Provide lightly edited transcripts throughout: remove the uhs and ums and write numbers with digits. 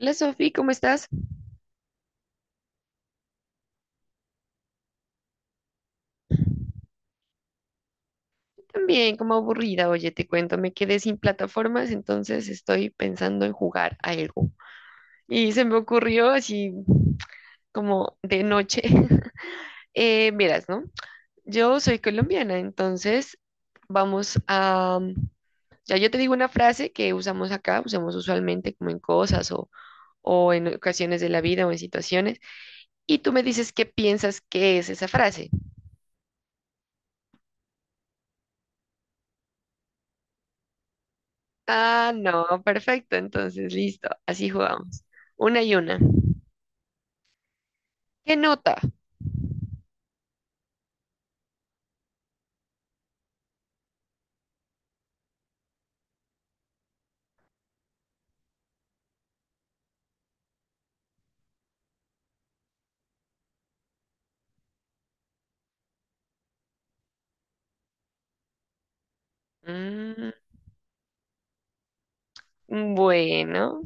Hola Sofi, ¿cómo estás? También como aburrida, oye, te cuento, me quedé sin plataformas, entonces estoy pensando en jugar algo. Y se me ocurrió así como de noche. Verás, ¿no? Yo soy colombiana, entonces vamos a... Ya yo te digo una frase que usamos acá, usamos usualmente como en cosas o en ocasiones de la vida o en situaciones, y tú me dices qué piensas que es esa frase. Ah, no, perfecto. Entonces, listo. Así jugamos. Una y una. ¿Qué nota? Mm, bueno.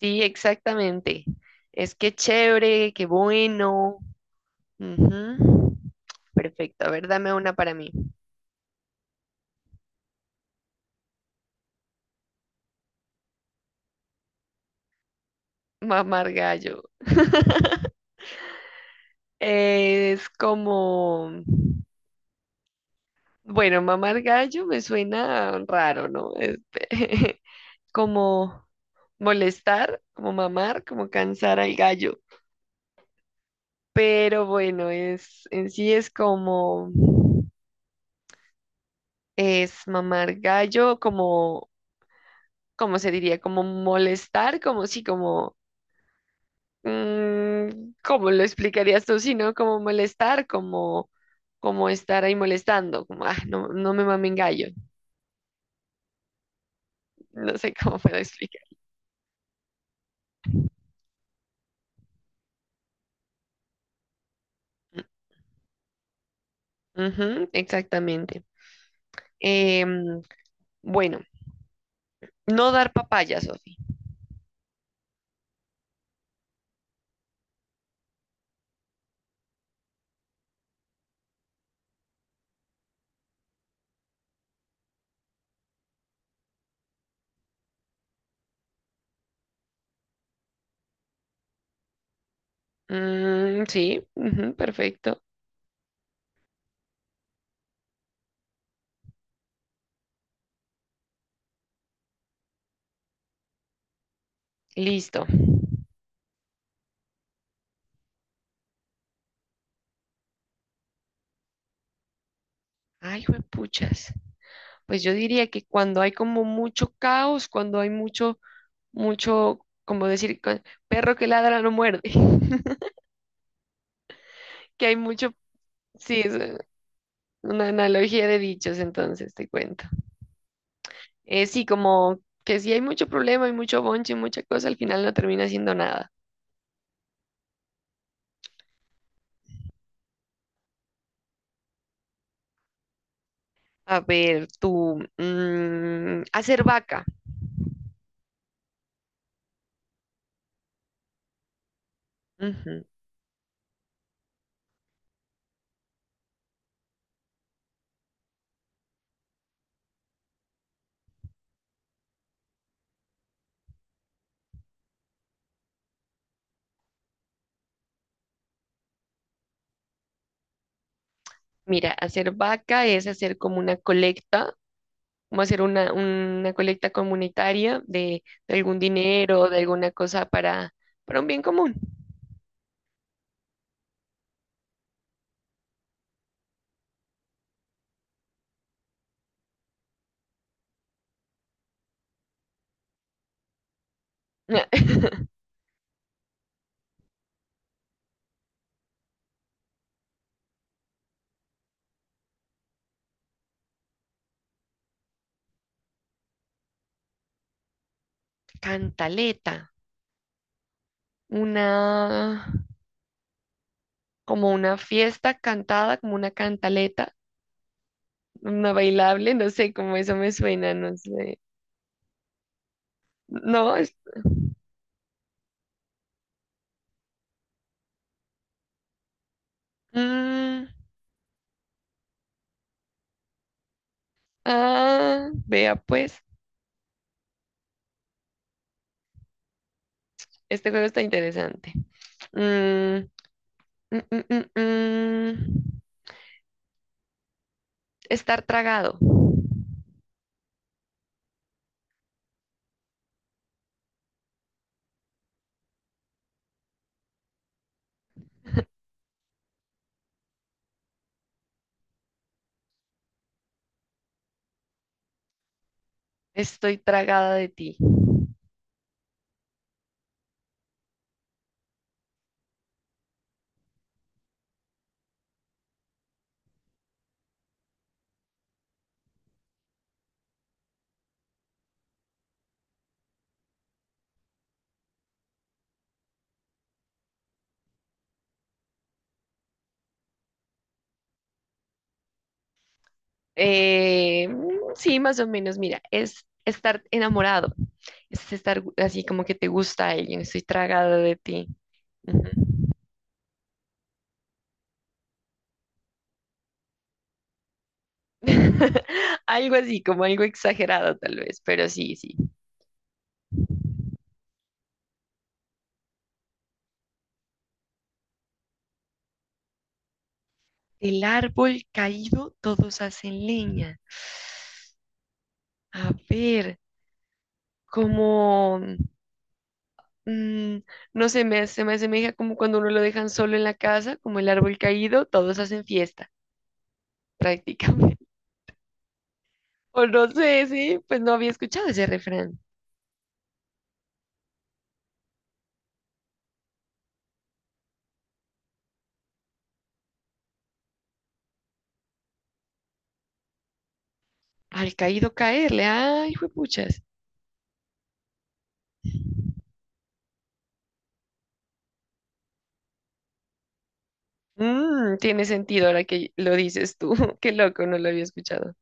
Sí, exactamente. Es que chévere, qué bueno. Ujú. Perfecto. A ver, dame una para mí. Mamar gallo. Es como... Bueno, mamar gallo me suena raro, ¿no? Este, como molestar, como mamar, como cansar al gallo. Pero bueno, en sí es como, es mamar gallo, como, como se diría? Como molestar, como sí, como, mm, ¿cómo lo explicarías tú? Si no, como molestar, como, como estar ahí molestando, como, ah, no, no me mamen gallo, no sé cómo puedo explicar. Ujú, exactamente. Em, bueno, no dar papaya, Sofi. Mm, sí, ujú, perfecto. Listo. Ay, juepuchas. Pues yo diría que cuando hay como mucho caos, cuando hay mucho, mucho, como decir, perro que ladra no muerde, que hay mucho, sí, es una analogía de dichos, entonces te cuento. Sí, como que si hay mucho problema, hay mucho bonche, y mucha cosa, al final no termina siendo nada. A ver, tú, mm, hacer vaca. Ujú. Mira, hacer vaca es hacer como una colecta, como hacer una colecta comunitaria de algún dinero, o de alguna cosa para un bien común. Cantaleta, una, como una fiesta cantada, como una cantaleta, una bailable, no sé cómo eso me suena, no sé. No, mm, ah, vea pues, este juego está interesante. Mm, mm, mm, mm, mm. Estar tragado. Estoy tragada de ti. Eh, sí, más o menos, mira, es estar enamorado, es estar así como que te gusta alguien, estoy tragado de ti. Ujú. Algo así, como algo exagerado tal vez, pero sí, sí. El árbol caído, todos hacen leña. A ver, como, mm, no sé, me, se me asemeja como cuando uno lo dejan solo en la casa, como el árbol caído, todos hacen fiesta, prácticamente. O no sé, sí, pues no había escuchado ese refrán. Al caído caerle. Ay, juepuchas. Mm, tiene sentido ahora que lo dices tú. Qué loco, no lo había escuchado.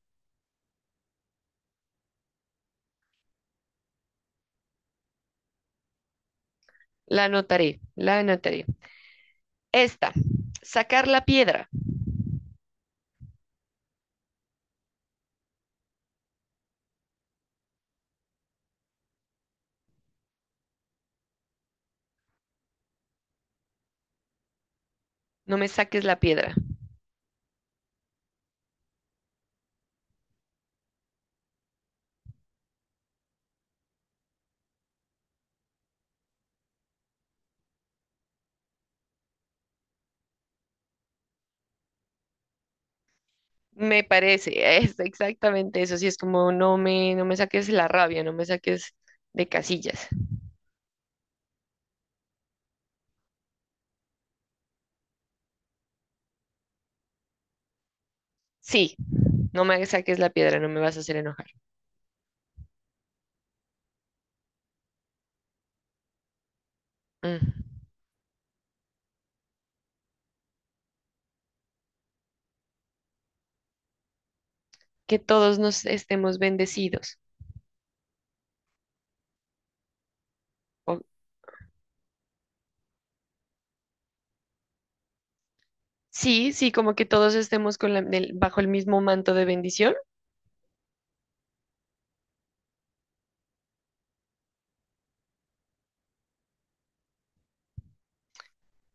La anotaré, la anotaré. Esta, sacar la piedra. No me saques la piedra. Me parece, es exactamente eso. Sí, es como no me, no me saques la rabia, no me saques de casillas. Sí, no me saques la piedra, no me vas a hacer enojar. Mm. Que todos nos estemos bendecidos. O- sí, sí, como que todos estemos con bajo el mismo manto de bendición.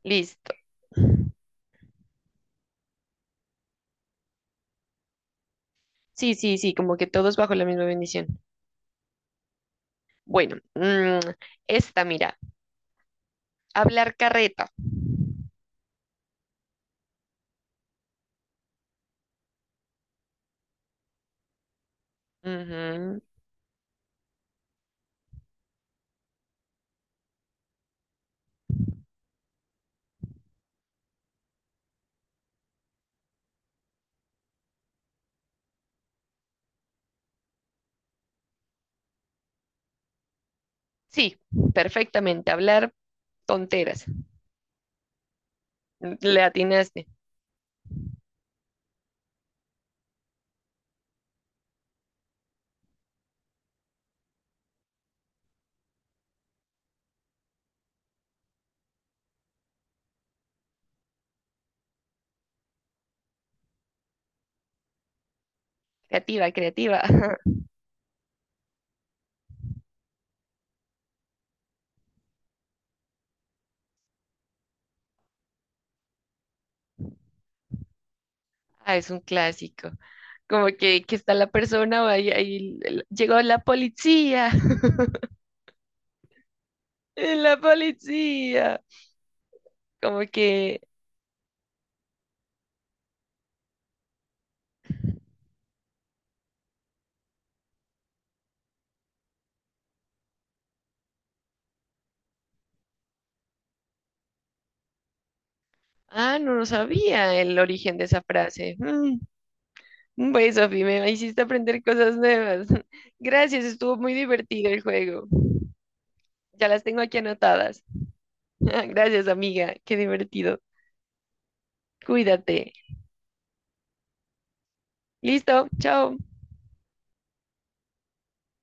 Listo. Sí, sí, sí, como que todos bajo la misma bendición. Bueno, mm, esta, mira, hablar carreta. Ujú. Sí, perfectamente, hablar tonteras. Le atinaste. Creativa, creativa. Ah, es un clásico. Como que está la persona, va y- ahí l- llegó la policía. La policía. Como que, ah, no lo sabía el origen de esa frase. Mm, bueno, Sofi, me hiciste aprender cosas nuevas. Gracias, estuvo muy divertido el juego. Ya las tengo aquí anotadas. Gracias, amiga, qué divertido. Cuídate. Listo, chao.